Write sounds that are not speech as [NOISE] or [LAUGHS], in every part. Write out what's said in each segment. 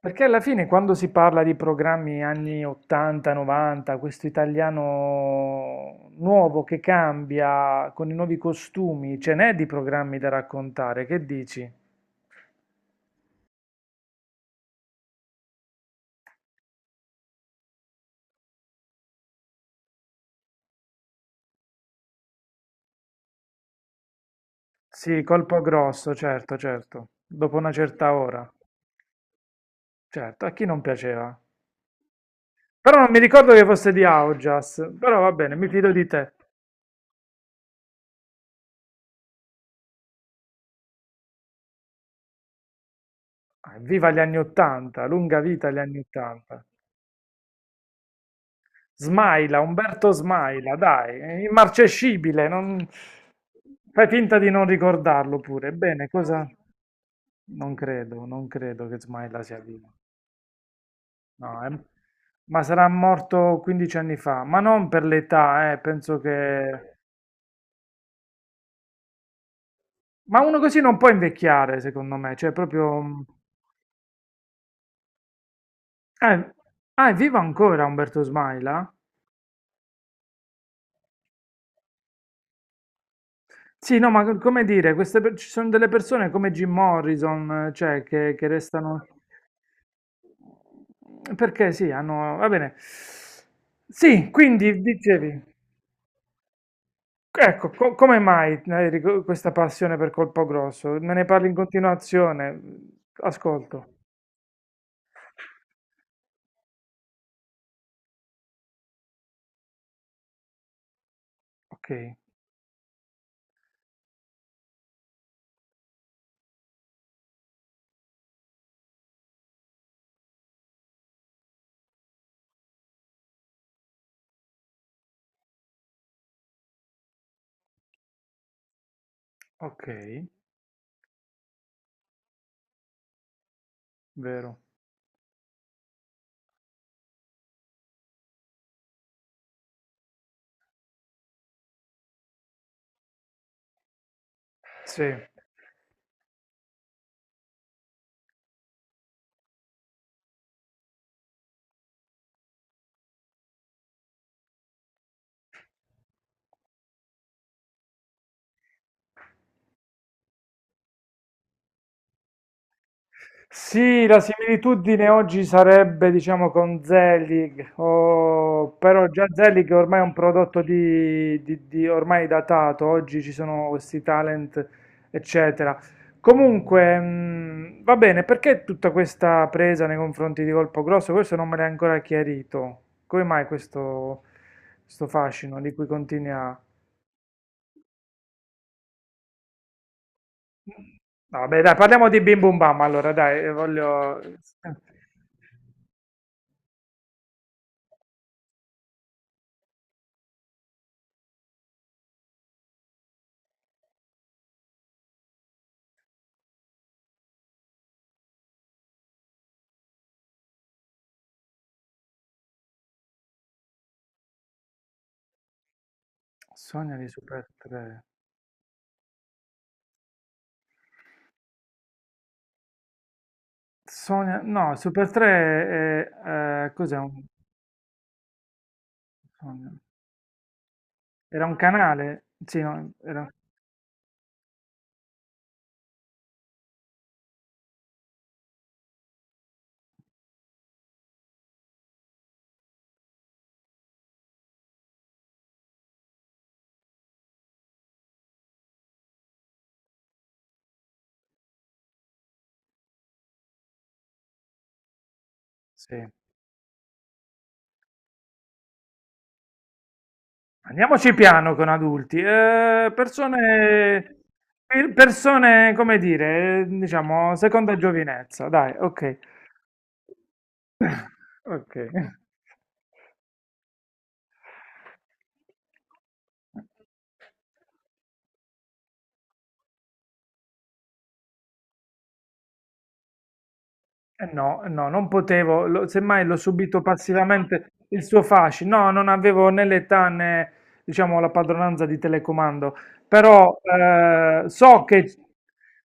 Perché alla fine quando si parla di programmi anni 80, 90, questo italiano nuovo che cambia con i nuovi costumi, ce n'è di programmi da raccontare, che dici? Sì, colpo grosso, certo, certo, dopo una certa ora, certo, a chi non piaceva? Però non mi ricordo che fosse di Augias, però va bene, mi fido di te. Ah, Viva gli anni 80, lunga vita gli anni 80. Smaila, Umberto Smaila, dai, è immarcescibile, non... Fai finta di non ricordarlo pure. Bene, cosa? Non credo, non credo che Smaila sia vivo. No, ma sarà morto 15 anni fa, ma non per l'età, penso che. Ma uno così non può invecchiare, secondo me, cioè proprio. Eh, ah, è vivo ancora Umberto Smaila? Sì, no, ma come dire, queste ci sono delle persone come Jim Morrison, cioè, che restano. Perché sì, hanno va bene. Sì, quindi dicevi, ecco, come mai hai questa passione per Colpo Grosso? Me ne parli in continuazione, ascolto. Ok, ok, vero. Sì. Sì, la similitudine oggi sarebbe, diciamo, con Zelig, però già Zelig ormai è un prodotto ormai datato, oggi ci sono questi talent, eccetera. Comunque, va bene, perché tutta questa presa nei confronti di Colpo Grosso? Questo non me l'hai ancora chiarito. Come mai questo fascino di cui continui a. No, vabbè, dai, parliamo di Bim Bum Bam, allora, dai, voglio. Sonia di Super 3. Sonia, no, Super 3 è, cos'è un, Sonia? Era un canale? Sì, no, era, sì. Andiamoci piano con adulti. Persone, come dire, diciamo, seconda giovinezza, dai, ok. [LAUGHS] Ok. No, eh no, non potevo, semmai l'ho subito passivamente il suo fascino. No, non avevo né l'età né, diciamo, la padronanza di telecomando, però so che,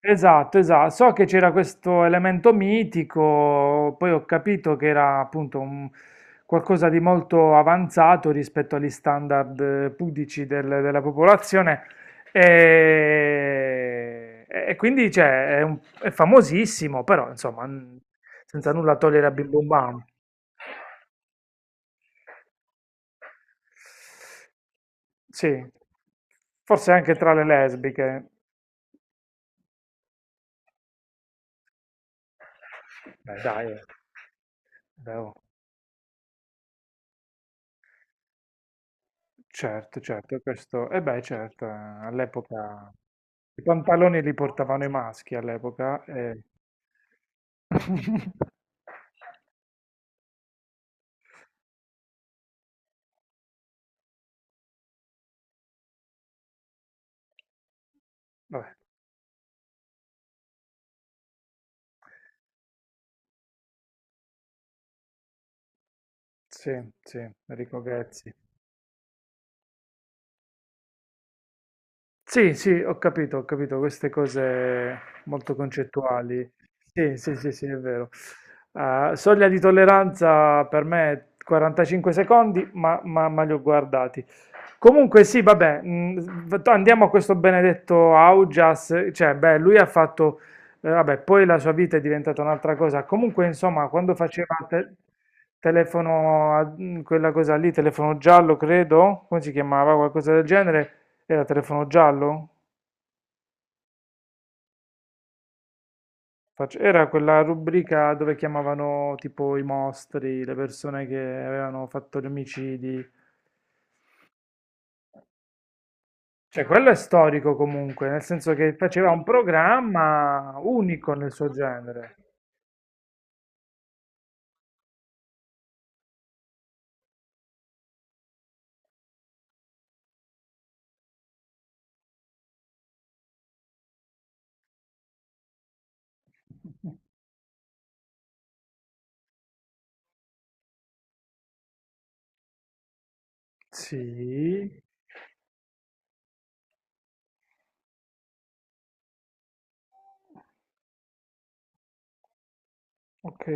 esatto, esatto, so che c'era questo elemento mitico, poi ho capito che era appunto qualcosa di molto avanzato rispetto agli standard pudici della popolazione. E quindi cioè, è famosissimo, però insomma, senza nulla togliere a Bim Bum Bam. Sì, forse anche tra le lesbiche. Beh, dai, eh. Beh, oh, certo, certo, questo, e beh, certo, all'epoca i pantaloni li portavano i maschi all'epoca. [LAUGHS] Vabbè, sì, sì, Enrico Ghezzi. Sì, sì, ho capito queste cose molto concettuali. Sì, sì, sì, sì, è vero. Soglia di tolleranza per me 45 secondi, ma li ho guardati. Comunque sì, vabbè, andiamo a questo benedetto Augias, cioè, beh, lui ha fatto, vabbè, poi la sua vita è diventata un'altra cosa. Comunque, insomma, quando faceva telefono, quella cosa lì, telefono giallo, credo, come si chiamava, qualcosa del genere. Era telefono giallo? Era quella rubrica dove chiamavano tipo i mostri, le persone che avevano fatto gli omicidi. Cioè, quello è storico comunque, nel senso che faceva un programma unico nel suo genere. Sì, ok.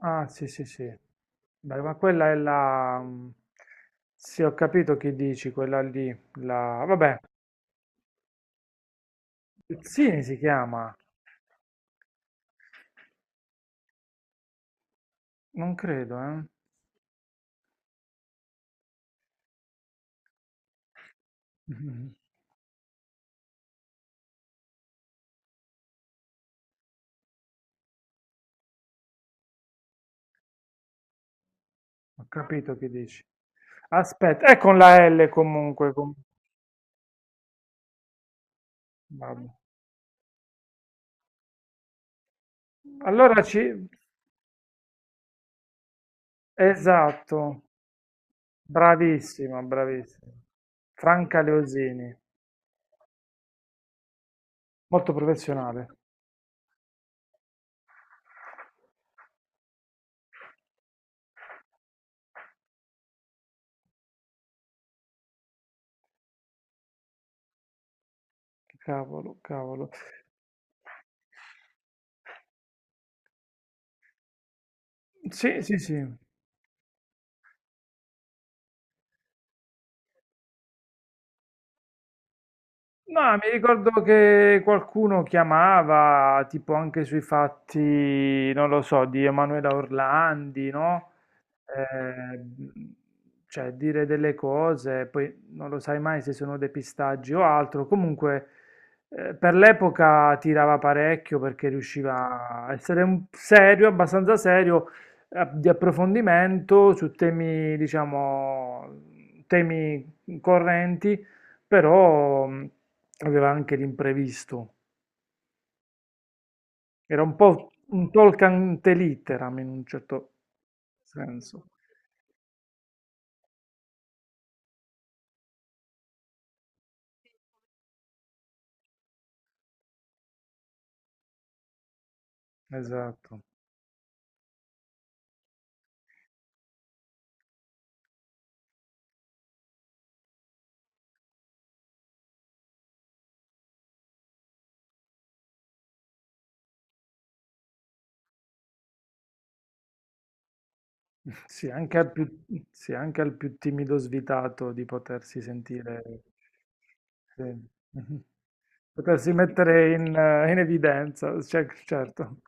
Ah, sì, sì, sì. Beh, ma quella è la. Sì, ho capito che dici, quella lì. La. Vabbè, Pezzini si chiama. Non credo, eh. [LAUGHS] Ho capito che dici. Aspetta, è con la L comunque. Vabbè. Allora ci. Esatto, bravissima, bravissima. Franca Leosini, molto professionale. Cavolo, cavolo. Sì, sì, sì. No, mi ricordo che qualcuno chiamava, tipo anche sui fatti, non lo so, di Emanuela Orlandi, no? eh, mh, cioè dire delle cose, poi non lo sai mai se sono depistaggi o altro. Comunque, per l'epoca tirava parecchio perché riusciva a essere serio, abbastanza serio, di approfondimento su temi, diciamo, temi correnti, però aveva anche l'imprevisto. Era un po' un talk ante litteram in un certo senso. Esatto. Sì, anche al più, sì, anche al più timido svitato di potersi sentire, sì, [LAUGHS] potersi mettere in evidenza, cioè, certo.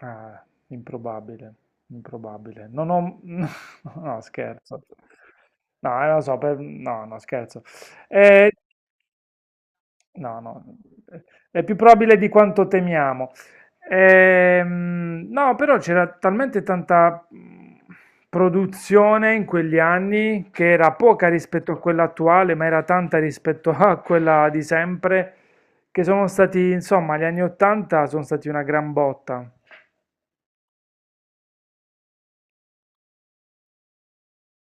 Ah, improbabile, improbabile. Non ho. [LAUGHS] No, scherzo. No, lo so, no, no, scherzo. Eh, No, no, è più probabile di quanto temiamo. No, però c'era talmente tanta produzione in quegli anni che era poca rispetto a quella attuale, ma era tanta rispetto a quella di sempre, che sono stati, insomma, gli anni 80 sono stati una gran botta.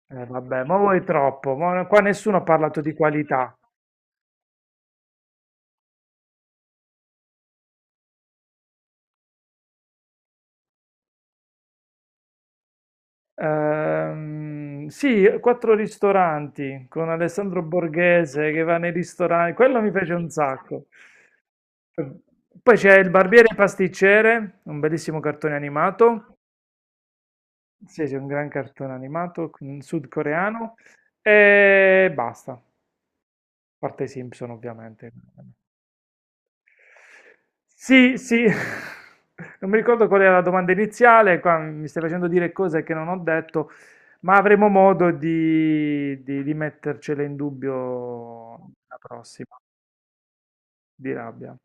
Vabbè, ma voi troppo, ma qua nessuno ha parlato di qualità. Sì, quattro ristoranti con Alessandro Borghese che va nei ristoranti, quello mi piace un sacco. Poi c'è il barbiere e pasticcere, un bellissimo cartone animato. Sì, sì, un gran cartone animato sudcoreano. E basta, a parte i Simpson ovviamente. Sì, sì, [LAUGHS] non mi ricordo qual era la domanda iniziale, qua mi stai facendo dire cose che non ho detto, ma avremo modo di mettercele in dubbio la prossima, di rabbia.